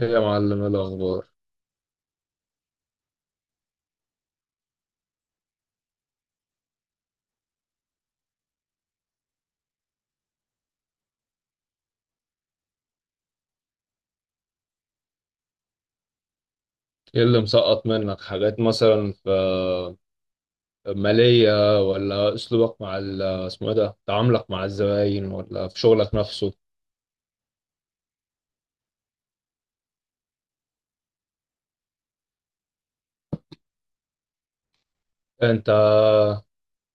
ايه يا معلم، ايه الاخبار؟ ايه اللي مسقط منك حاجات مثلا في مالية ولا اسلوبك مع اسمه ايه ده، تعاملك مع الزباين ولا في شغلك نفسه؟ انت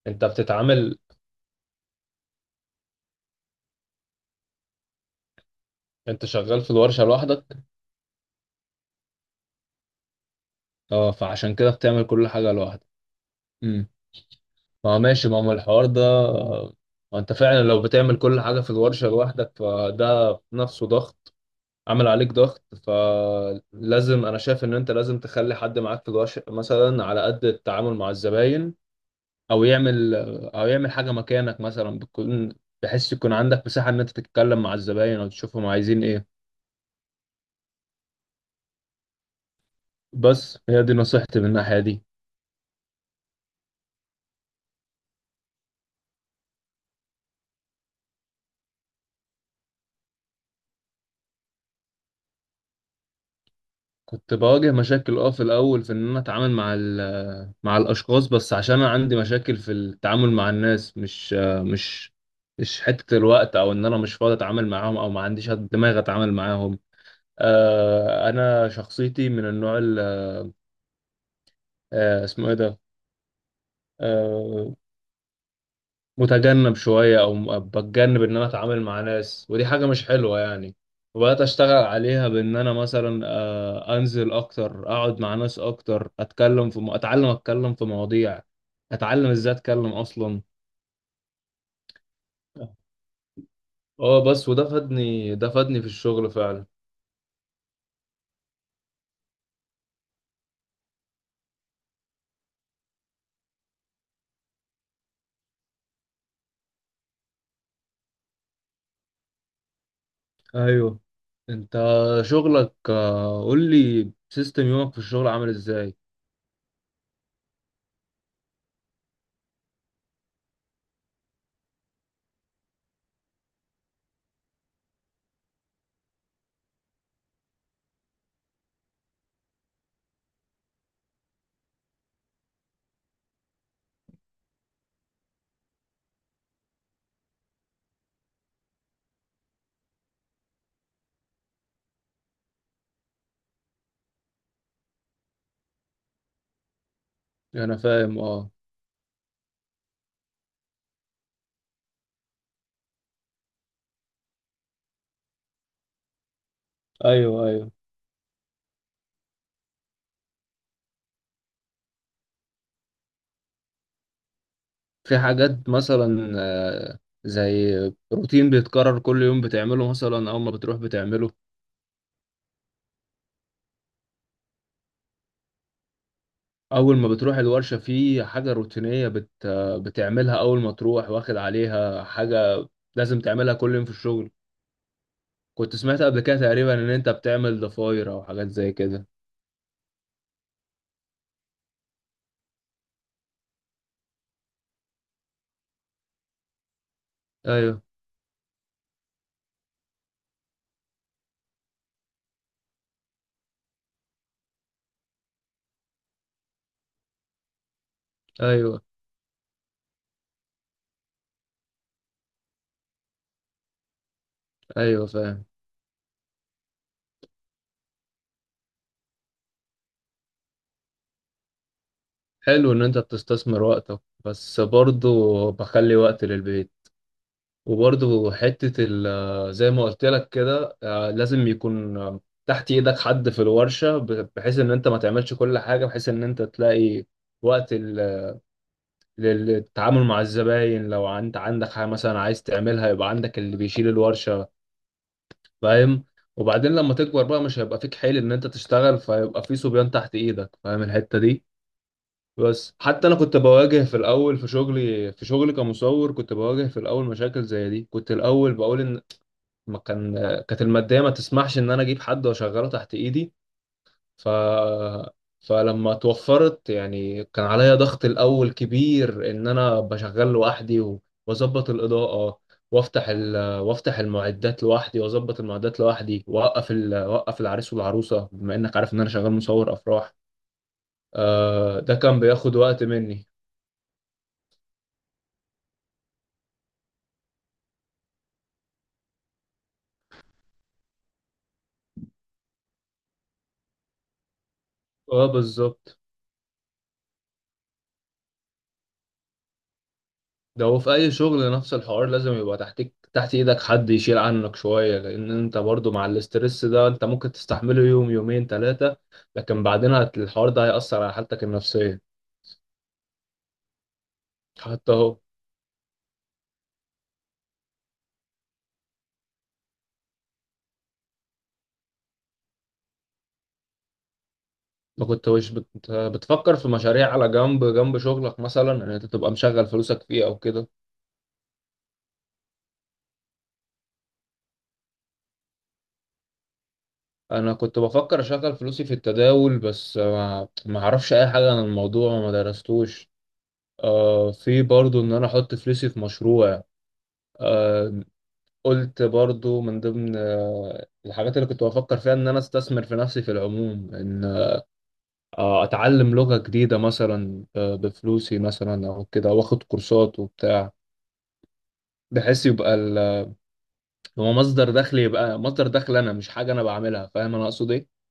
انت بتتعامل، انت شغال في الورشة لوحدك؟ اه، فعشان كده بتعمل كل حاجة لوحدك. امم ما ماشي، ما هو الحوار ده. ما انت فعلا لو بتعمل كل حاجة في الورشة لوحدك فده نفسه ضغط، عمل عليك ضغط، فلازم، انا شايف ان انت لازم تخلي حد معاك في الورشة مثلا على قد التعامل مع الزباين، او يعمل او يعمل حاجة مكانك مثلا، بتكون بحيث يكون عندك مساحة ان انت تتكلم مع الزباين او تشوفهم عايزين ايه. بس هي دي نصيحتي من الناحية دي. كنت بواجه مشاكل اه في الاول في ان انا اتعامل مع مع الاشخاص، بس عشان انا عندي مشاكل في التعامل مع الناس، مش مش حتة الوقت او ان انا مش فاضي اتعامل معاهم او ما عنديش دماغ اتعامل معاهم. انا شخصيتي من النوع ال- آه، اسمه ايه ده، آه، متجنب شويه، او بتجنب ان انا اتعامل مع ناس، ودي حاجه مش حلوه يعني. وبدات اشتغل عليها بان انا مثلا انزل اكتر، اقعد مع ناس اكتر، اتكلم في اتعلم اتكلم في مواضيع، اتعلم ازاي اتكلم اصلا. اه بس، وده فادني، ده فادني في الشغل فعلا. ايوه، انت شغلك، قول لي سيستم يومك في الشغل عامل ازاي. انا فاهم، اه. ايوه، ايوه. في حاجات مثلا زي روتين بيتكرر كل يوم بتعمله مثلا اول ما بتروح بتعمله. اول ما بتروح الورشة في حاجة روتينية بت آه، بتعملها اول ما تروح، واخد عليها حاجة لازم تعملها كل يوم في الشغل. كنت سمعت قبل كده تقريبا ان انت بتعمل ضفاير او حاجات زي كده. ايوه. ايوه، ايوه فاهم. حلو ان انت بتستثمر وقتك، بس برضه بخلي وقت للبيت. وبرضه حتة زي ما قلت لك كده، لازم يكون، تحت ايدك حد في الورشة، بحيث ان انت ما تعملش كل حاجة، بحيث ان انت تلاقي وقت للتعامل مع الزباين، لو انت عندك حاجة مثلا عايز تعملها يبقى عندك اللي بيشيل الورشة. فاهم؟ وبعدين لما تكبر بقى، مش هيبقى فيك حيل ان انت تشتغل، فيبقى في صبيان تحت ايدك. فاهم الحتة دي؟ بس حتى انا كنت بواجه في الاول في شغلي، في شغلي، كمصور كنت بواجه في الاول مشاكل زي دي. كنت الاول بقول ان ما كان، كانت الماديه ما تسمحش ان انا اجيب حد واشغله تحت ايدي. ف فلما توفرت يعني، كان عليا ضغط الاول كبير ان انا بشغل لوحدي واظبط الاضاءه، وافتح المعدات لوحدي، واظبط المعدات لوحدي، واوقف العريس والعروسه، بما انك عارف ان انا شغال مصور افراح. آه، ده كان بياخد وقت مني. اه بالظبط. ده هو في اي شغل نفس الحوار، لازم يبقى تحتك، تحت ايدك حد يشيل عنك شوية، لان انت برضو مع الاسترس ده انت ممكن تستحمله يوم، يومين، ثلاثة، لكن بعدين الحوار ده هيأثر على حالتك النفسية. حتى اهو، ما كنتوش بتفكر في مشاريع على جنب، جنب شغلك مثلا ان انت تبقى مشغل فلوسك فيه او كده؟ انا كنت بفكر اشغل فلوسي في التداول بس ما اعرفش اي حاجه عن الموضوع وما درستوش. آه في برضو ان انا احط فلوسي في مشروع. آه، قلت برضو من ضمن الحاجات اللي كنت بفكر فيها ان انا استثمر في نفسي في العموم، ان اتعلم لغة جديدة مثلا بفلوسي مثلا او كده، واخد كورسات وبتاع، بحيث يبقى هو مصدر دخل، يبقى مصدر دخل، انا مش حاجة انا بعملها. فاهم انا اقصد ايه؟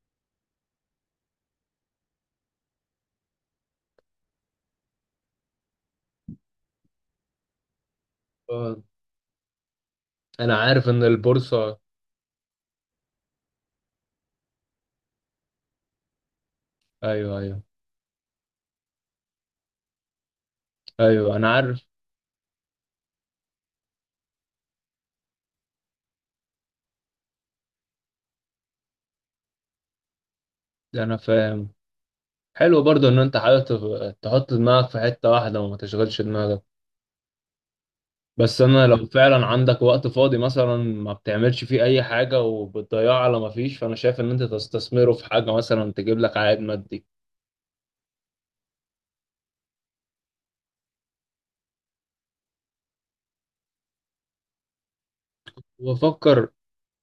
آه. انا عارف ان البورصة، ايوه، ايوه. ايوه، انا عارف. انا فاهم. حلو برضو ان انت حابب تحط دماغك في حتة واحدة وما تشغلش دماغك. بس انا لو فعلا عندك وقت فاضي مثلا ما بتعملش فيه اي حاجه وبتضيعه على ما فيش، فانا شايف ان انت تستثمره في حاجه مثلا تجيب لك عائد مادي. وافكر.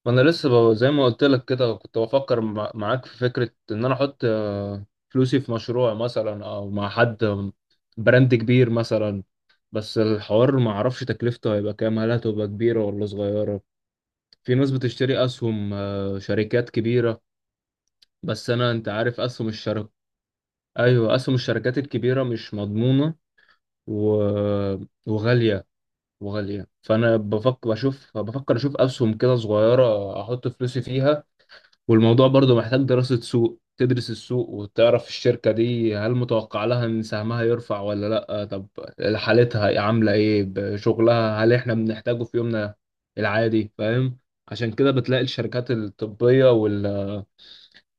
ما انا لسه زي ما قلت لك كده، كنت بفكر معاك في فكره ان انا احط فلوسي في مشروع مثلا، او مع حد، براند كبير مثلا. بس الحوار ما اعرفش تكلفته هيبقى كام، هل هتبقى كبيره ولا صغيره. في ناس بتشتري اسهم شركات كبيره. بس انا، انت عارف اسهم الشركات، ايوه، اسهم الشركات الكبيره مش مضمونه و... وغاليه، وغاليه، فانا بفكر، بشوف، بفكر اشوف اسهم كده صغيره احط فلوسي فيها. والموضوع برضو محتاج دراسه سوق، تدرس السوق وتعرف الشركه دي هل متوقع لها ان سهمها يرفع ولا لا، طب حالتها عامله ايه، شغلها هل احنا بنحتاجه في يومنا العادي. فاهم؟ عشان كده بتلاقي الشركات الطبيه،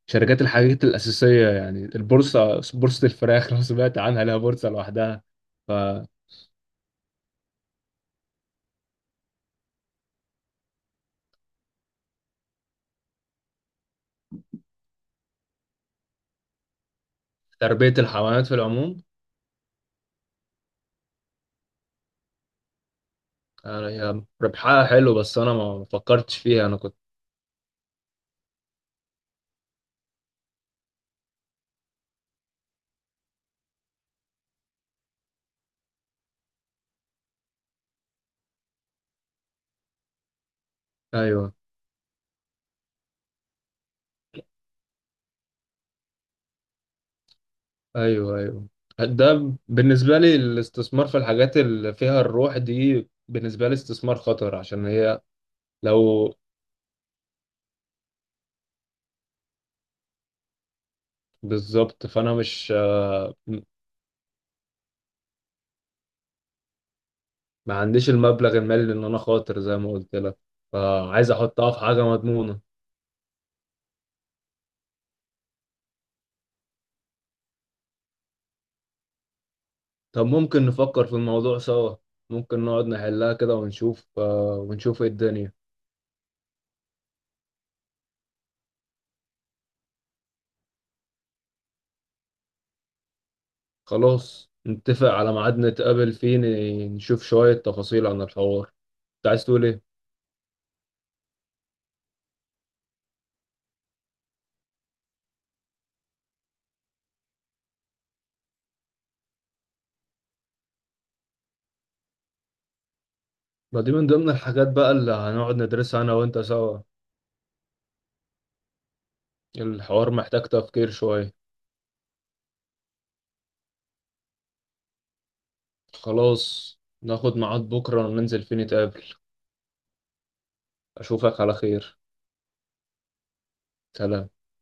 شركات الحاجات الأساسية، يعني البورصة، بورصة الفراخ لو سمعت عنها لها بورصة لوحدها. فتربية الحيوانات في العموم، يعني هي ربحها حلو بس أنا ما فكرتش فيها، أنا كنت، أيوه، أيوه، أيوه. ده بالنسبة لي الاستثمار في الحاجات اللي فيها الروح دي بالنسبة لي استثمار خطر، عشان هي، لو، بالظبط. فأنا مش، ما عنديش المبلغ المالي إن أنا خاطر زي ما قلت لك، فعايز أحطها في حاجة مضمونة. طب ممكن نفكر في الموضوع سوا، ممكن نقعد نحلها كده ونشوف، ونشوف ايه الدنيا. خلاص، نتفق على ميعاد نتقابل فيه نشوف شوية تفاصيل عن الحوار. انت عايز تقول ايه؟ ما دي من ضمن الحاجات بقى اللي هنقعد ندرسها انا وانت سوا. الحوار محتاج تفكير شوية. خلاص، ناخد ميعاد بكرة وننزل فيه نتقابل. اشوفك على خير. سلام.